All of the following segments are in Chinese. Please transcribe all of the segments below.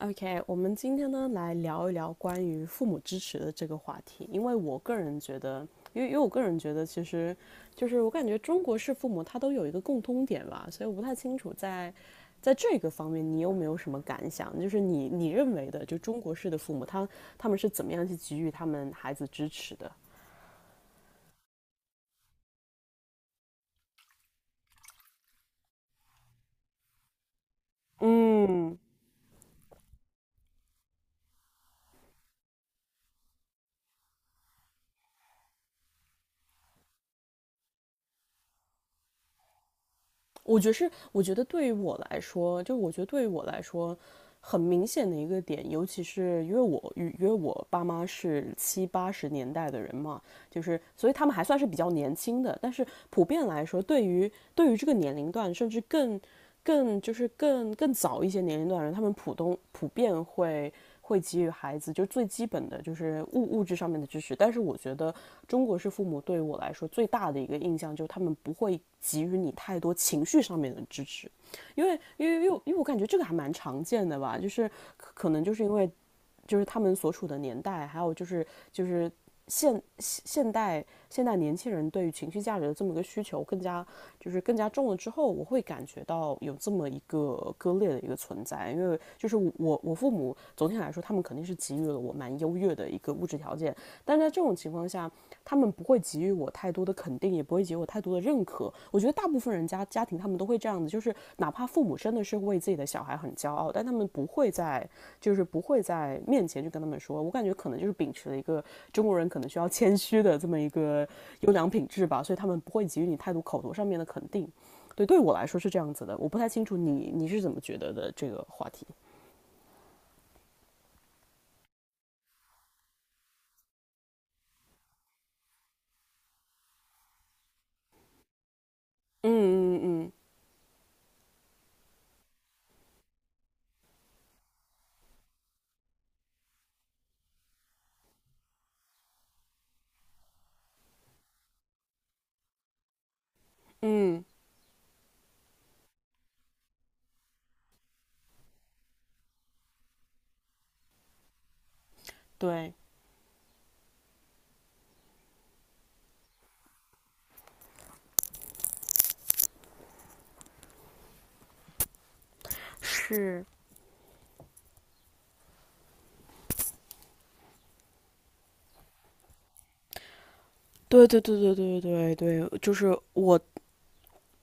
OK，我们今天呢来聊一聊关于父母支持的这个话题，因为我个人觉得，其实就是我感觉中国式父母他都有一个共通点吧，所以我不太清楚在这个方面你有没有什么感想，就是你认为的就中国式的父母他们是怎么样去给予他们孩子支持的？嗯我觉得是，我觉得对于我来说，很明显的一个点，尤其是因为我爸妈是七八十年代的人嘛，就是所以他们还算是比较年轻的，但是普遍来说，对于这个年龄段，甚至更更就是更更早一些年龄段的人，他们普遍会给予孩子就最基本的就是物质上面的支持。但是我觉得中国式父母对我来说最大的一个印象就是他们不会给予你太多情绪上面的支持，因为我感觉这个还蛮常见的吧，就是可能就是因为就是他们所处的年代，还有就是现现代年轻人对于情绪价值的这么一个需求更加就是更加重了之后，我会感觉到有这么一个割裂的一个存在。因为就是我父母总体来说，他们肯定是给予了我蛮优越的一个物质条件，但在这种情况下，他们不会给予我太多的肯定，也不会给予我太多的认可。我觉得大部分人家庭他们都会这样子，就是哪怕父母真的是为自己的小孩很骄傲，但他们不会在就是不会在面前去跟他们说。我感觉可能就是秉持了一个中国人可能需要谦虚的这么一个优良品质吧，所以他们不会给予你太多口头上面的肯定。对，对我来说是这样子的，我不太清楚你是怎么觉得的这个话题。嗯嗯嗯嗯，对。是，对对对对对对对，就是我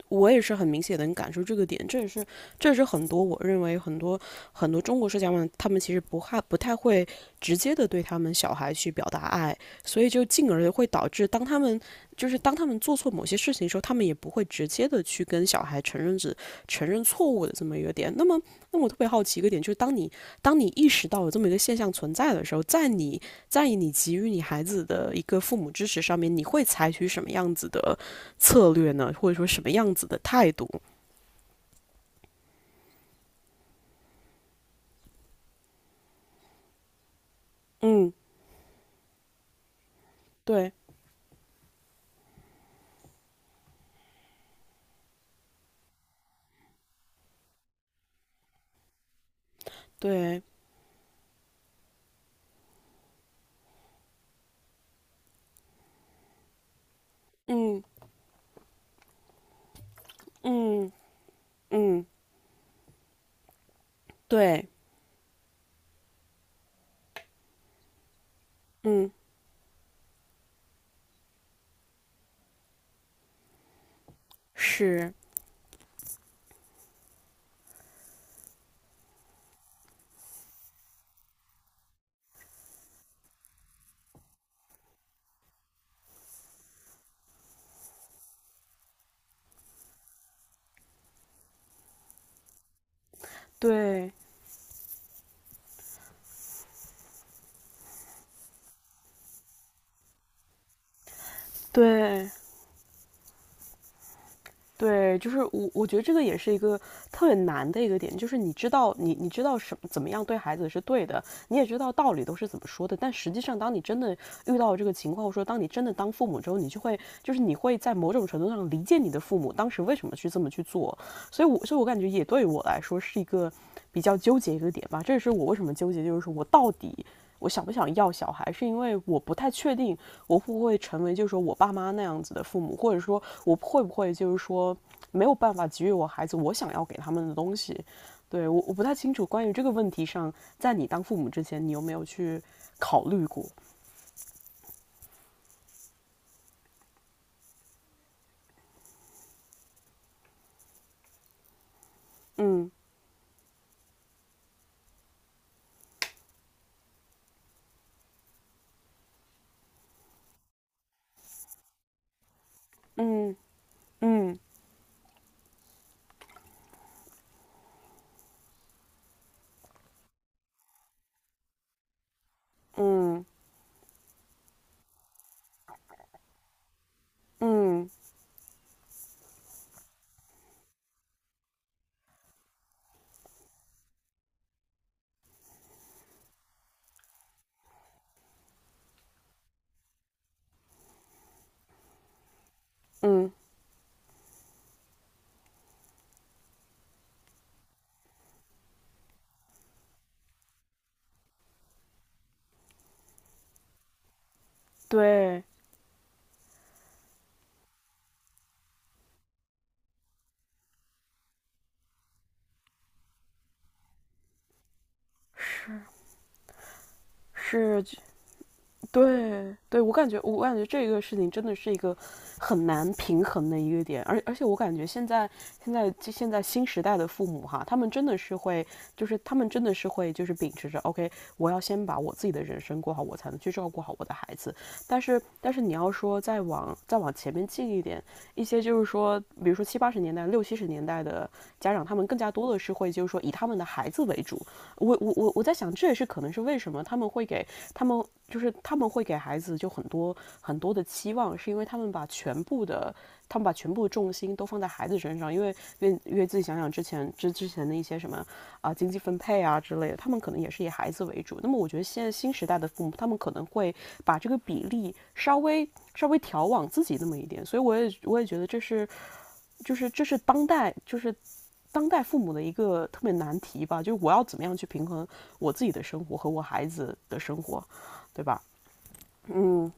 我也是很明显能感受这个点，这也是很多我认为很多中国社家们他们其实不太会直接的对他们小孩去表达爱，所以就进而会导致当他们做错某些事情的时候，他们也不会直接的去跟小孩承认错误的这么一个点。那么我特别好奇一个点就是，当你意识到有这么一个现象存在的时候，在你给予你孩子的一个父母支持上面，你会采取什么样子的策略呢，或者说什么样子的态度？嗯，对对，嗯嗯嗯，对，嗯是，对对。对，就是我觉得这个也是一个特别难的一个点，就是你知道你知道什么怎么样对孩子是对的，你也知道道理都是怎么说的，但实际上当你真的遇到这个情况，或者说当你真的当父母之后，你就会就是你会在某种程度上理解你的父母当时为什么去这么去做，所以我感觉也对我来说是一个比较纠结一个点吧，这也是我为什么纠结，就是说我到底我想不想要小孩，是因为我不太确定我会不会成为就是说我爸妈那样子的父母，或者说我会不会就是说没有办法给予我孩子我想要给他们的东西。对我不太清楚关于这个问题上，在你当父母之前，你有没有去考虑过？嗯嗯嗯嗯嗯嗯，对，是是，对对，我感觉这个事情真的是一个很难平衡的一个点，而且我感觉现在新时代的父母哈，他们真的是会，就是他们真的是会就是秉持着 OK，我要先把我自己的人生过好，我才能去照顾好我的孩子。但是你要说再往前面进一点，一些就是说，比如说七八十年代、六七十年代的家长，他们更加多的是会就是说以他们的孩子为主。我在想，这也是可能是为什么他们他们会给孩子就很多很多的期望，是因为他们把全部重心都放在孩子身上，因为自己想想之前的一些什么啊、经济分配啊之类的，他们可能也是以孩子为主。那么我觉得现在新时代的父母，他们可能会把这个比例稍微调往自己那么一点，所以我也觉得这是当代父母的一个特别难题吧，就是我要怎么样去平衡我自己的生活和我孩子的生活，对吧？嗯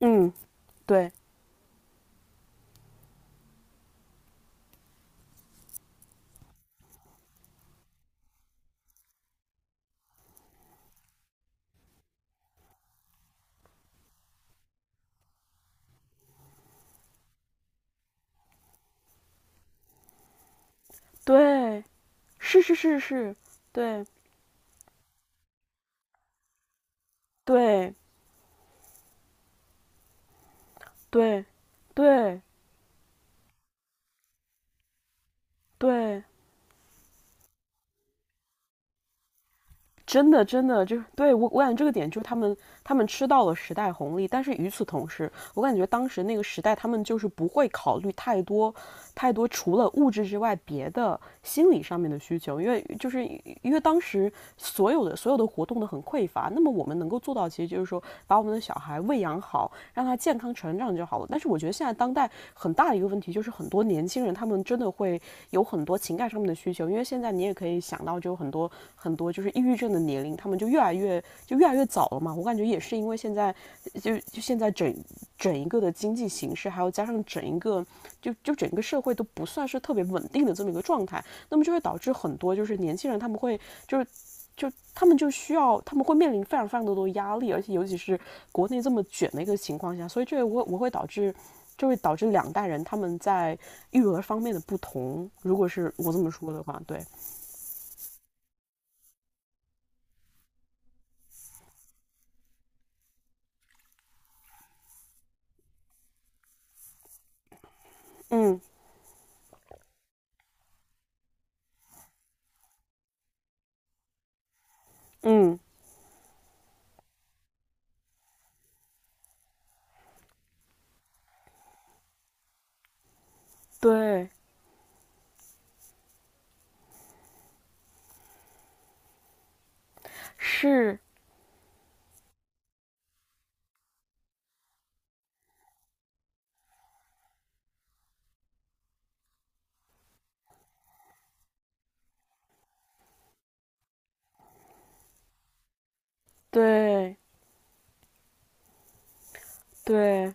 嗯，对对，是是是是，对对对对对真的，真的，就是对我感觉这个点就是他们，他们吃到了时代红利，但是与此同时，我感觉当时那个时代，他们就是不会考虑太多，太多除了物质之外别的心理上面的需求，因为就是因为当时所有的活动都很匮乏，那么我们能够做到，其实就是说把我们的小孩喂养好，让他健康成长就好了。但是我觉得现在当代很大的一个问题就是，很多年轻人他们真的会有很多情感上面的需求，因为现在你也可以想到，就很多很多就是抑郁症的年龄，他们就越来越早了嘛。我感觉也是因为现在整一个的经济形势，还有加上整一个就就整个社会都不算是特别稳定的这么一个状态，那么就会导致很多就是年轻人他们会就是就他们就需要，他们会面临非常非常多的压力，而且尤其是国内这么卷的一个情况下，所以这会导致，就会导致两代人他们在育儿方面的不同。如果是我这么说的话，对，嗯嗯，对，是，对对。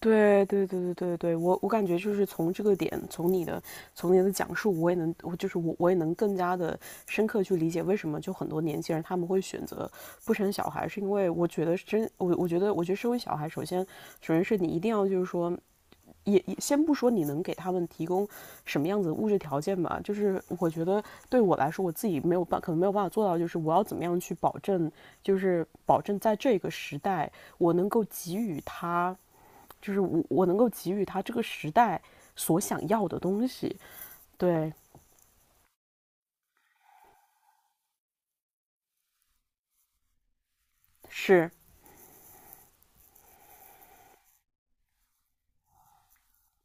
对对对对对对，我感觉就是从这个点，从你的讲述，我也能，我就是我我也能更加的深刻去理解为什么就很多年轻人他们会选择不生小孩，是因为我觉得我觉得生完小孩，首先是你一定要就是说。也先不说你能给他们提供什么样子的物质条件吧，就是我觉得对我来说，我自己没有办，可能没有办法做到，就是我要怎么样去保证，就是保证在这个时代，我能够给予他我能够给予他这个时代所想要的东西。对，是，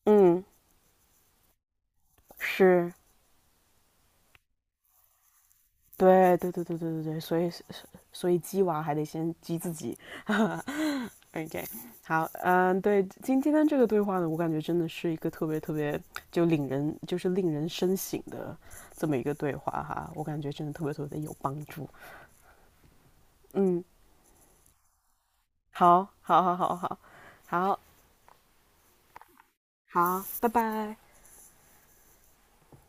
嗯，是，对，对，对，对，对，对，对，所以，所以鸡娃还得先鸡自己。OK，好，嗯，对，今天这个对话呢，我感觉真的是一个特别特别就令人就是令人深省的这么一个对话哈，我感觉真的特别特别有帮助。嗯，好，好，好，好，好，好，好，拜拜。